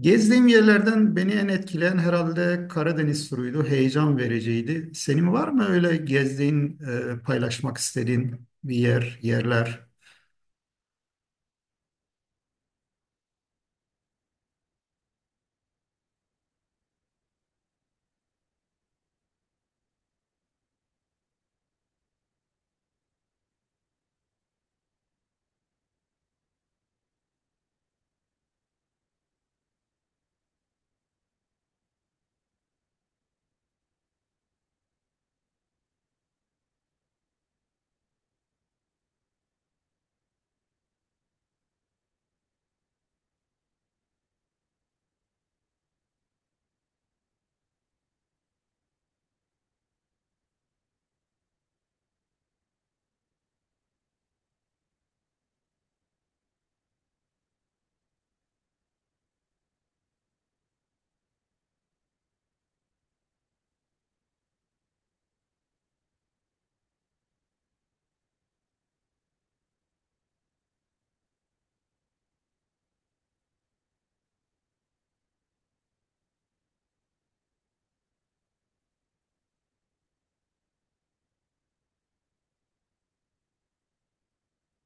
Gezdiğim yerlerden beni en etkileyen herhalde Karadeniz turuydu. Heyecan vericiydi. Senin var mı öyle gezdiğin, paylaşmak istediğin bir yer, yerler?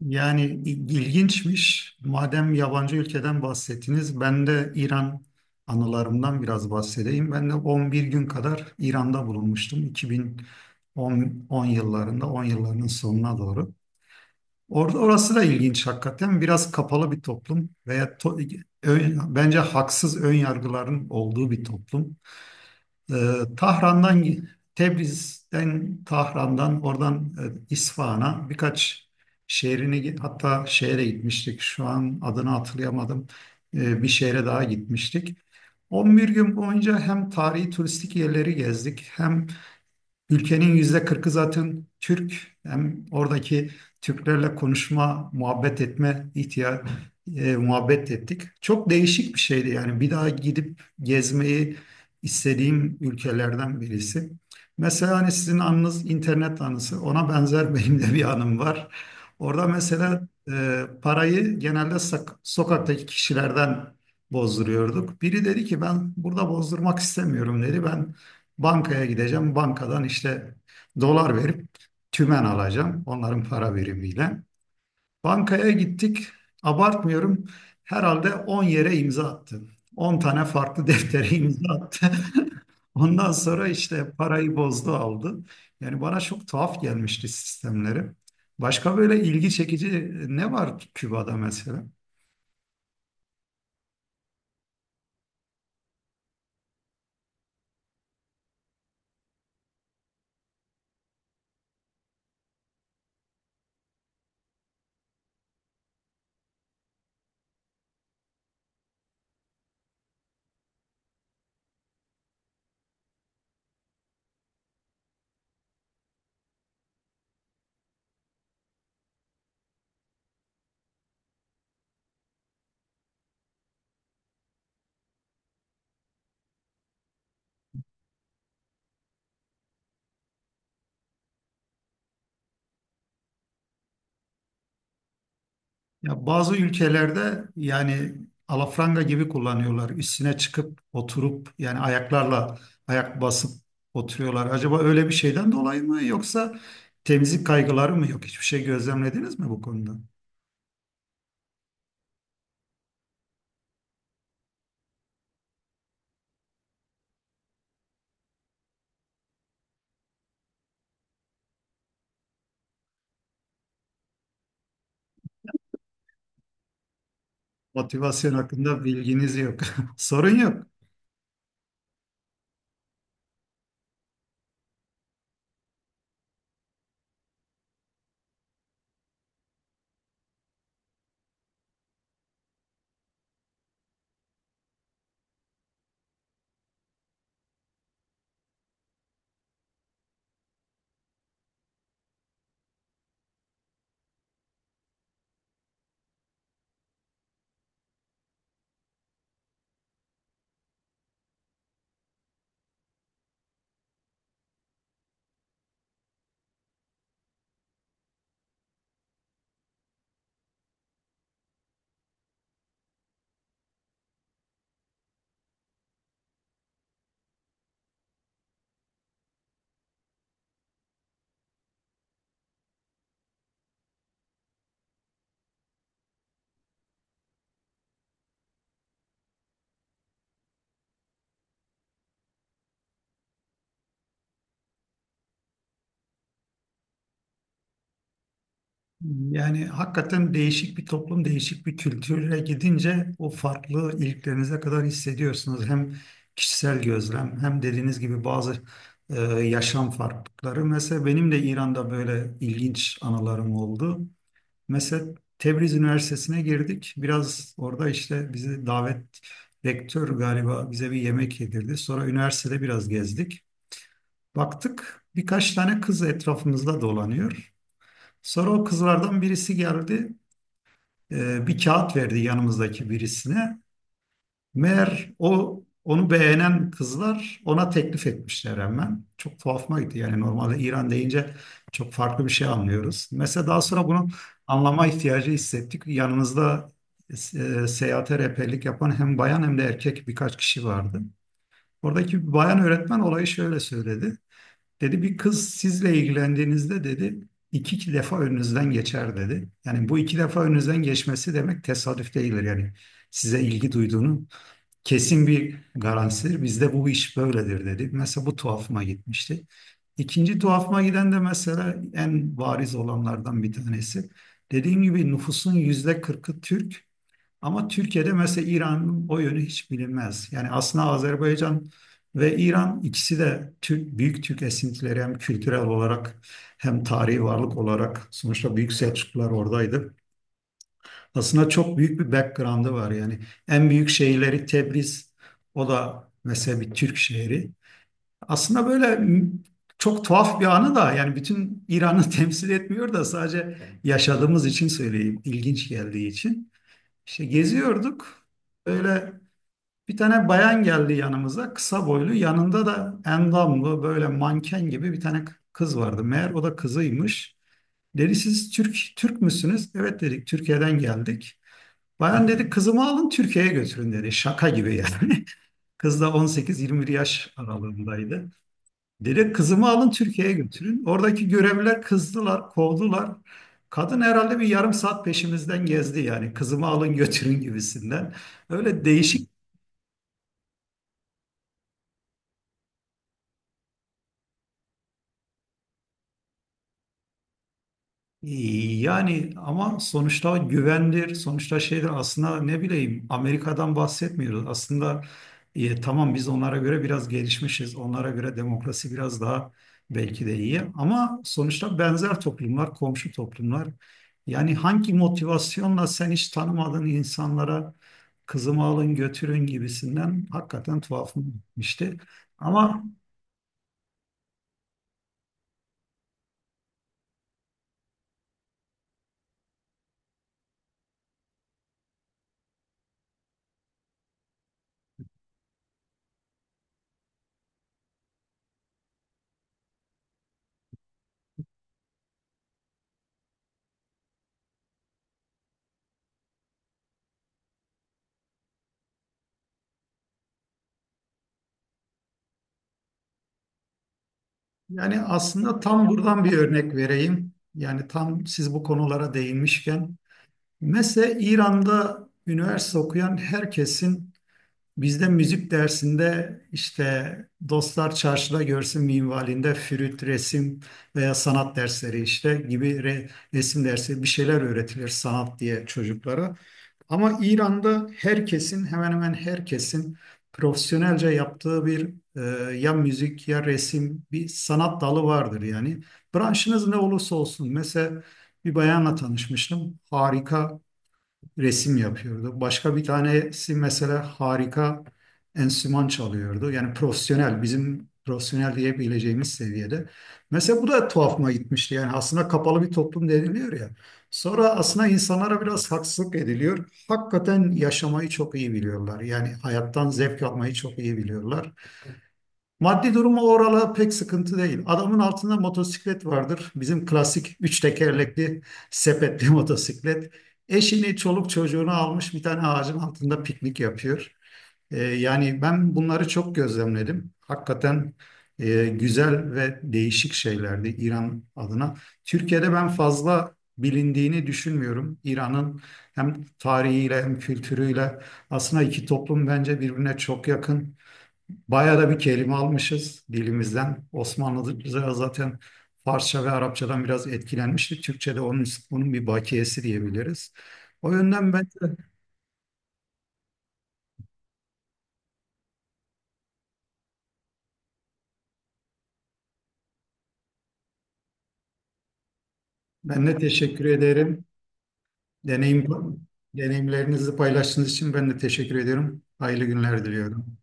Yani ilginçmiş. Madem yabancı ülkeden bahsettiniz, ben de İran anılarımdan biraz bahsedeyim. Ben de 11 gün kadar İran'da bulunmuştum. 2010, 10 yıllarında, 10 yıllarının sonuna doğru. Orası da ilginç hakikaten. Biraz kapalı bir toplum veya bence haksız ön yargıların olduğu bir toplum. Ee, Tahran'dan Tebriz'den, Tahran'dan, oradan İsfahan'a birkaç şehrini, hatta şehre gitmiştik. Şu an adını hatırlayamadım. Bir şehre daha gitmiştik. 11 gün boyunca hem tarihi turistik yerleri gezdik, hem ülkenin %40 zaten Türk. Hem oradaki Türklerle konuşma, muhabbet etme ihtiya e, muhabbet ettik. Çok değişik bir şeydi, yani bir daha gidip gezmeyi istediğim ülkelerden birisi. Mesela hani sizin anınız internet anısı, ona benzer benim de bir anım var. Orada mesela parayı genelde sokaktaki kişilerden bozduruyorduk. Biri dedi ki, "Ben burada bozdurmak istemiyorum," dedi. "Ben bankaya gideceğim. Bankadan işte dolar verip tümen alacağım." Onların para birimiyle. Bankaya gittik. Abartmıyorum, herhalde 10 yere imza attı. 10 tane farklı deftere imza attı. Ondan sonra işte parayı bozdu aldı. Yani bana çok tuhaf gelmişti sistemleri. Başka böyle ilgi çekici ne var Küba'da mesela? Ya bazı ülkelerde yani alafranga gibi kullanıyorlar. Üstüne çıkıp oturup, yani ayaklarla ayak basıp oturuyorlar. Acaba öyle bir şeyden dolayı mı, yoksa temizlik kaygıları mı yok? Hiçbir şey gözlemlediniz mi bu konuda? Motivasyon hakkında bilginiz yok. Sorun yok. Yani hakikaten değişik bir toplum, değişik bir kültüre gidince o farklı, iliklerinize kadar hissediyorsunuz. Hem kişisel gözlem, hem dediğiniz gibi bazı yaşam farklılıkları. Mesela benim de İran'da böyle ilginç anılarım oldu. Mesela Tebriz Üniversitesi'ne girdik. Biraz orada işte bizi davet, rektör galiba bize bir yemek yedirdi. Sonra üniversitede biraz gezdik. Baktık birkaç tane kız etrafımızda dolanıyor. Sonra o kızlardan birisi geldi. Bir kağıt verdi yanımızdaki birisine. Meğer o, onu beğenen kızlar ona teklif etmişler hemen. Çok tuhafıma gitti. Yani normalde İran deyince çok farklı bir şey anlıyoruz. Mesela daha sonra bunu anlama ihtiyacı hissettik. Yanımızda seyahate rehberlik yapan hem bayan hem de erkek birkaç kişi vardı. Oradaki bir bayan öğretmen olayı şöyle söyledi. Dedi, "Bir kız sizle ilgilendiğinizde," dedi, "iki defa önünüzden geçer," dedi. Yani bu iki defa önünüzden geçmesi demek tesadüf değildir. Yani size ilgi duyduğunu kesin bir garantisidir. Bizde bu iş böyledir, dedi. Mesela bu tuhafıma gitmişti. İkinci tuhafıma giden de mesela en bariz olanlardan bir tanesi. Dediğim gibi nüfusun %40 Türk. Ama Türkiye'de mesela İran'ın o yönü hiç bilinmez. Yani aslında Azerbaycan ve İran, ikisi de Türk, büyük Türk esintileri, hem kültürel olarak hem tarihi varlık olarak. Sonuçta Büyük Selçuklular oradaydı. Aslında çok büyük bir background'ı var yani. En büyük şehirleri Tebriz, o da mesela bir Türk şehri. Aslında böyle, çok tuhaf bir anı da, yani bütün İran'ı temsil etmiyor da, sadece yaşadığımız için söyleyeyim, ilginç geldiği için. İşte geziyorduk. Böyle bir tane bayan geldi yanımıza. Kısa boylu. Yanında da endamlı, böyle manken gibi bir tane kız vardı. Meğer o da kızıymış. Dedi, "Siz Türk müsünüz?" "Evet," dedik, "Türkiye'den geldik." Bayan dedi, "Kızımı alın, Türkiye'ye götürün," dedi. Şaka gibi yani. Kız da 18-21 yaş aralığındaydı. Direkt, "Kızımı alın, Türkiye'ye götürün." Oradaki görevliler kızdılar, kovdular. Kadın herhalde bir yarım saat peşimizden gezdi yani. "Kızımı alın götürün," gibisinden. Öyle değişik. Yani sonuçta güvendir, sonuçta şeydir aslında. Ne bileyim, Amerika'dan bahsetmiyoruz. Aslında tamam, biz onlara göre biraz gelişmişiz, onlara göre demokrasi biraz daha belki de iyi, ama sonuçta benzer toplumlar, komşu toplumlar. Yani hangi motivasyonla sen hiç tanımadığın insanlara, "Kızımı alın götürün," gibisinden, hakikaten tuhafım gitmişti. Ama Yani aslında tam buradan bir örnek vereyim. Yani tam siz bu konulara değinmişken. Mesela İran'da üniversite okuyan herkesin. Bizde müzik dersinde işte dostlar çarşıda görsün minvalinde flüt, resim veya sanat dersleri işte gibi, resim dersi, bir şeyler öğretilir sanat diye çocuklara. Ama İran'da hemen hemen herkesin profesyonelce yaptığı bir, ya müzik ya resim, bir sanat dalı vardır yani. Branşınız ne olursa olsun, mesela bir bayanla tanışmıştım, harika resim yapıyordu. Başka bir tanesi mesela harika enstrüman çalıyordu. Yani profesyonel, bizim profesyonel diyebileceğimiz seviyede. Mesela bu da tuhafıma gitmişti. Yani aslında kapalı bir toplum deniliyor ya, sonra aslında insanlara biraz haksızlık ediliyor. Hakikaten yaşamayı çok iyi biliyorlar. Yani hayattan zevk almayı çok iyi biliyorlar. Maddi durumu oralı pek sıkıntı değil. Adamın altında motosiklet vardır, bizim klasik üç tekerlekli sepetli motosiklet. Eşini, çoluk çocuğunu almış, bir tane ağacın altında piknik yapıyor. Yani ben bunları çok gözlemledim. Hakikaten güzel ve değişik şeylerdi İran adına. Türkiye'de ben fazla bilindiğini düşünmüyorum İran'ın, hem tarihiyle hem kültürüyle. Aslında iki toplum bence birbirine çok yakın. Bayağı da bir kelime almışız dilimizden. Osmanlıca zaten Farsça ve Arapçadan biraz etkilenmiştik. Türkçe'de onun bir bakiyesi diyebiliriz. O yönden ben de teşekkür ederim. Deneyim, deneyimlerinizi paylaştığınız için ben de teşekkür ediyorum. Hayırlı günler diliyorum.